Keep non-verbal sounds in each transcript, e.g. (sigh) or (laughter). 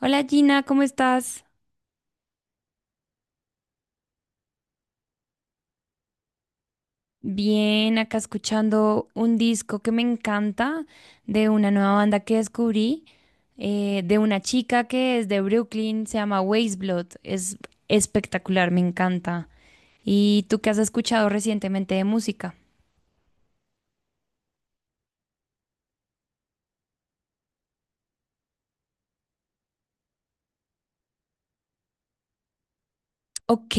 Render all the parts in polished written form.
Hola Gina, ¿cómo estás? Bien, acá escuchando un disco que me encanta de una nueva banda que descubrí, de una chica que es de Brooklyn, se llama Blood. Es espectacular, me encanta. ¿Y tú qué has escuchado recientemente de música? Ok.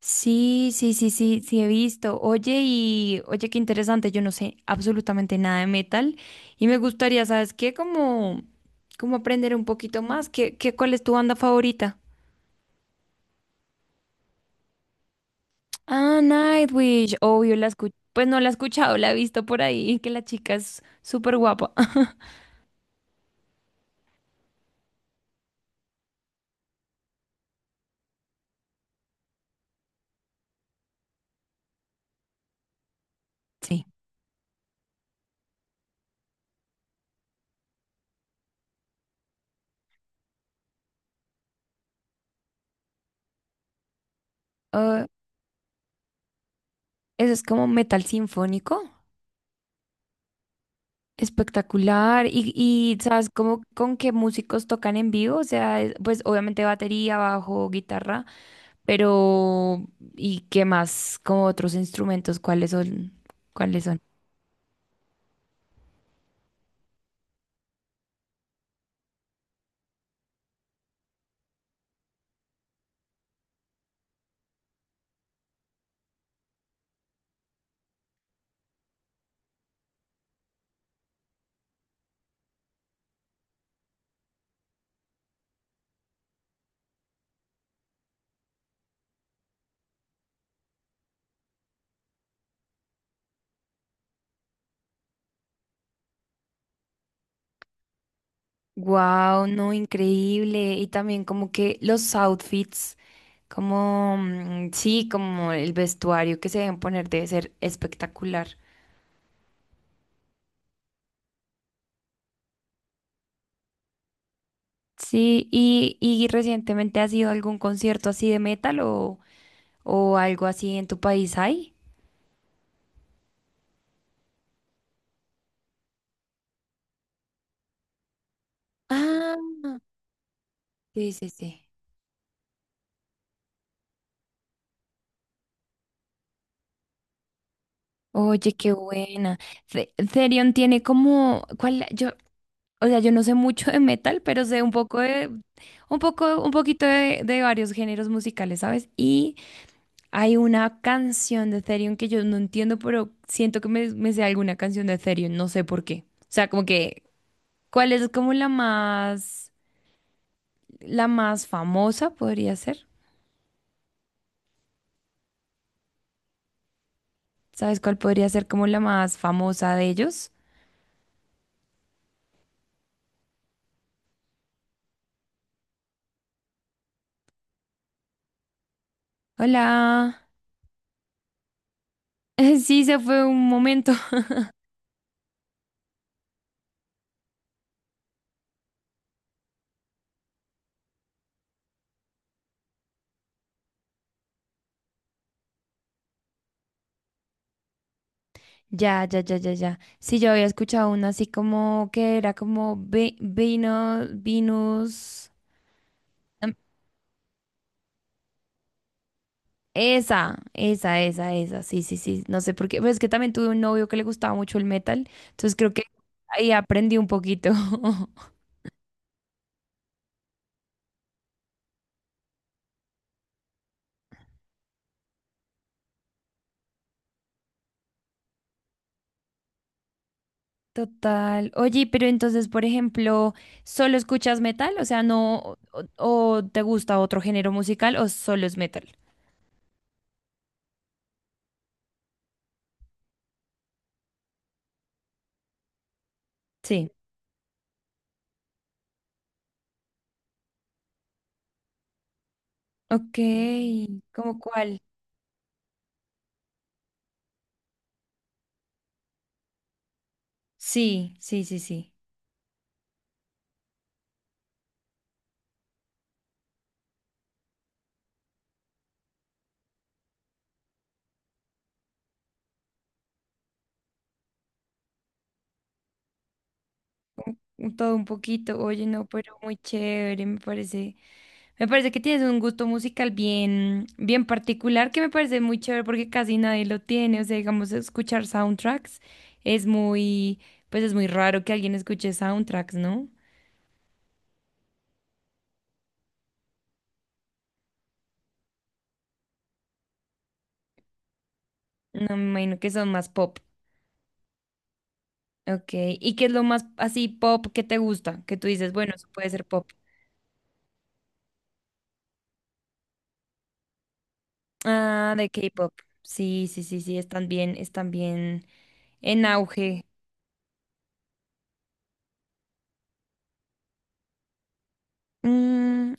Sí, sí, sí, sí, sí he visto. Oye, y oye, qué interesante, yo no sé absolutamente nada de metal y me gustaría, ¿sabes qué? Como aprender un poquito más. ¿Cuál es tu banda favorita? Ah, Nightwish, obvio, la escucho. Pues no la he escuchado, la he visto por ahí, que la chica es súper guapa. (laughs) Sí. Ah, eso es como metal sinfónico, espectacular. Y ¿sabes cómo, con qué músicos tocan en vivo? O sea, pues obviamente batería, bajo, guitarra. Pero, ¿y qué más? Como otros instrumentos, ¿cuáles son? ¿Cuáles son? Wow, no, increíble. Y también como que los outfits, como, sí, como el vestuario que se deben poner debe ser espectacular. Sí, y recientemente has ido a algún concierto así de metal o algo así en tu país hay? Ah, sí, sí, sí. Oye, qué buena. Therion tiene como, ¿cuál? Yo O sea, yo no sé mucho de metal, pero sé un poco de, un poco, un poquito de varios géneros musicales, ¿sabes? Y hay una canción de Ethereum que yo no entiendo, pero siento que me sé alguna canción de Ethereum, no sé por qué. O sea, como que, ¿cuál es como la más famosa podría ser? ¿Sabes cuál podría ser como la más famosa de ellos? Hola. (laughs) Sí, se fue un momento. Ya, ya, ya, ya, ya. Sí, yo había escuchado uno así como que era como vino, Venus. em, Esa, esa, esa, esa. Sí, sí, sí. No sé por qué. Pues es que también tuve un novio que le gustaba mucho el metal. Entonces creo que ahí aprendí un poquito. (laughs) Total. Oye, pero entonces, por ejemplo, ¿solo escuchas metal? ¿O sea, no, o te gusta otro género musical o solo es metal? Sí. Ok, ¿cómo cuál? Sí, sí, sí, sí. Todo un poquito. Oye, no, pero muy chévere, me parece. Me parece que tienes un gusto musical bien, bien particular, que me parece muy chévere porque casi nadie lo tiene. O sea, digamos, escuchar soundtracks es muy, pues es muy raro que alguien escuche soundtracks, ¿no? No, me imagino que son más pop. Ok. ¿Y qué es lo más así pop que te gusta? Que tú dices, bueno, eso puede ser pop. Ah, de K-pop. Sí, sí, sí, sí, están bien en auge. Mm,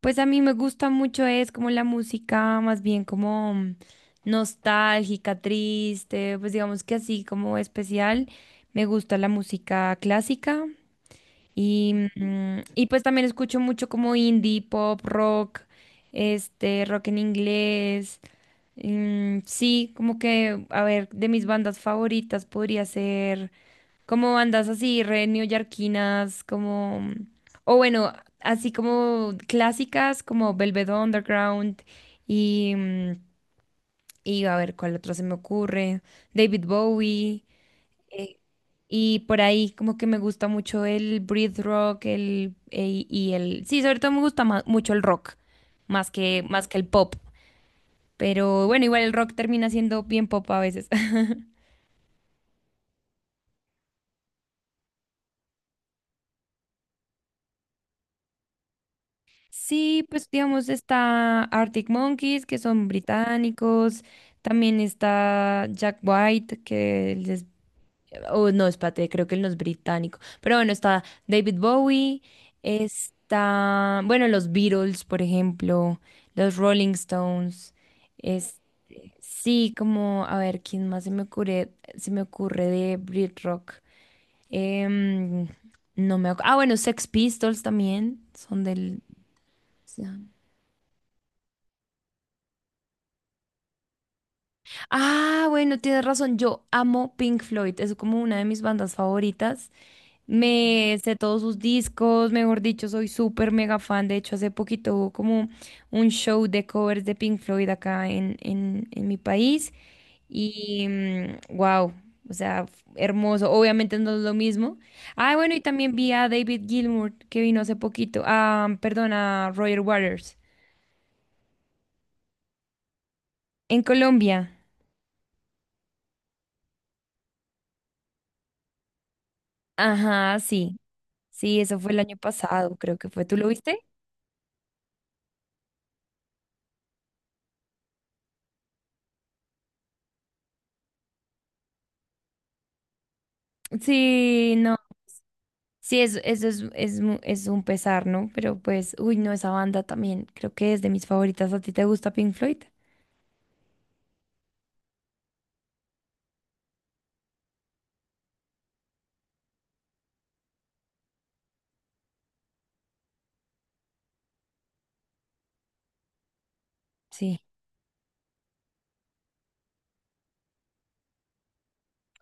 Pues a mí me gusta mucho es como la música más bien como nostálgica, triste, pues digamos que así como especial. Me gusta la música clásica y pues también escucho mucho como indie, pop, rock, rock en inglés. Mm, sí, como que, a ver, de mis bandas favoritas podría ser como bandas así, re neoyorquinas, como... O bueno, así como clásicas, como Velvet Underground y... Y a ver, ¿cuál otro se me ocurre? David Bowie. eh, y por ahí como que me gusta mucho el breath rock, el... Y el... Sí, sobre todo me gusta mucho el rock, más que el pop. Pero bueno, igual el rock termina siendo bien pop a veces. Sí, pues digamos está Arctic Monkeys, que son británicos, también está Jack White, que él es, oh, no, espérate, creo que él no es británico, pero bueno, está David Bowie, está, bueno, los Beatles, por ejemplo, los Rolling Stones, es, sí, como, a ver, ¿quién más se me ocurre de Brit Rock? Em, no me acu- Ah, bueno, Sex Pistols también, son del... Ah, bueno, tienes razón. Yo amo Pink Floyd. Es como una de mis bandas favoritas. Me sé todos sus discos, mejor dicho, soy súper mega fan. De hecho, hace poquito hubo como un show de covers de Pink Floyd acá en mi país. Y wow, o sea, hermoso. Obviamente no es lo mismo. Ah, bueno, y también vi a David Gilmour que vino hace poquito. Ah, perdón, a Roger Waters en Colombia. Ajá, sí. Sí, eso fue el año pasado, creo que fue. ¿Tú lo viste? Sí, no. Sí, eso es un pesar, ¿no? Pero pues, uy, no, esa banda también creo que es de mis favoritas. ¿A ti te gusta Pink Floyd? Sí.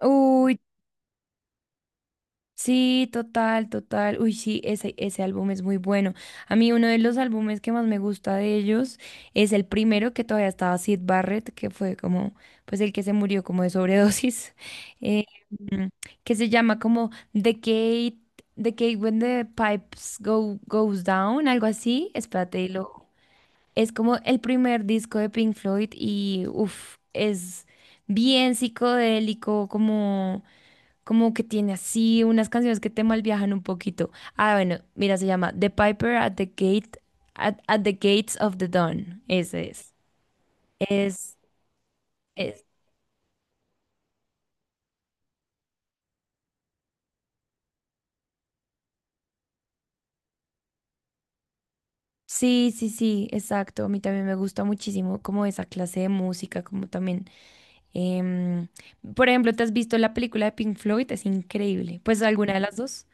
Uy, sí, total, total. Uy, sí, ese álbum es muy bueno. A mí uno de los álbumes que más me gusta de ellos es el primero que todavía estaba Sid Barrett, que fue como, pues el que se murió como de sobredosis, (laughs) eh, mm, que se llama como The Gate, The Decade When the Pipes Goes Down, algo así. Espérate, es como el primer disco de Pink Floyd y, uff, es bien psicodélico, como... Como que tiene así unas canciones que te malviajan un poquito. Ah, bueno, mira, se llama The Piper at the Gate, at the Gates of the Dawn. Ese es. Es, es. Sí, sí, sí, exacto. A mí también me gusta muchísimo como esa clase de música, como también. em, por ejemplo, ¿te has visto la película de Pink Floyd? Es increíble. Pues alguna de las dos.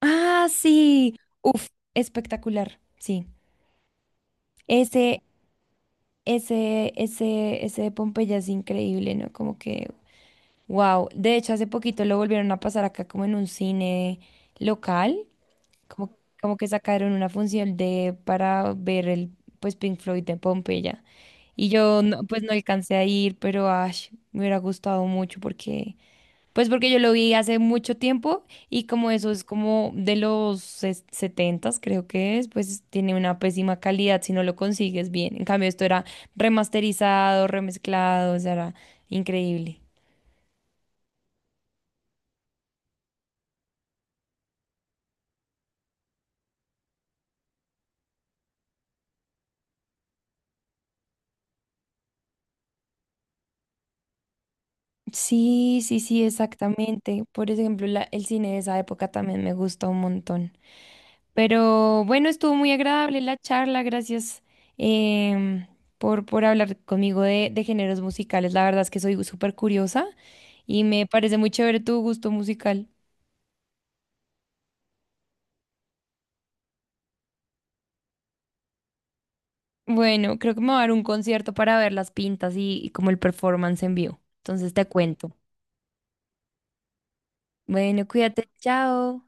Ah, sí. Uf, espectacular. Sí. Ese, ese de Pompeya es increíble, ¿no? Como que, wow, de hecho hace poquito lo volvieron a pasar acá como en un cine local, como que sacaron una función de para ver el pues Pink Floyd de Pompeya. Y yo no- pues no alcancé a ir, pero ash, me hubiera gustado mucho porque yo lo vi hace mucho tiempo y como eso es como de los 70 creo que es, pues tiene una pésima calidad si no lo consigues bien. En cambio esto era remasterizado, remezclado, o sea, era increíble. Sí, sí, sí, exactamente. Por ejemplo, el cine de esa época también me gustó un montón. Pero bueno, estuvo muy agradable la charla. Gracias em, por hablar conmigo de géneros musicales. La verdad es que soy súper curiosa y me parece muy chévere tu gusto musical. Bueno, creo que me va a dar un concierto para ver las pintas y como el performance en vivo. Entonces te cuento. Bueno, cuídate. Chao.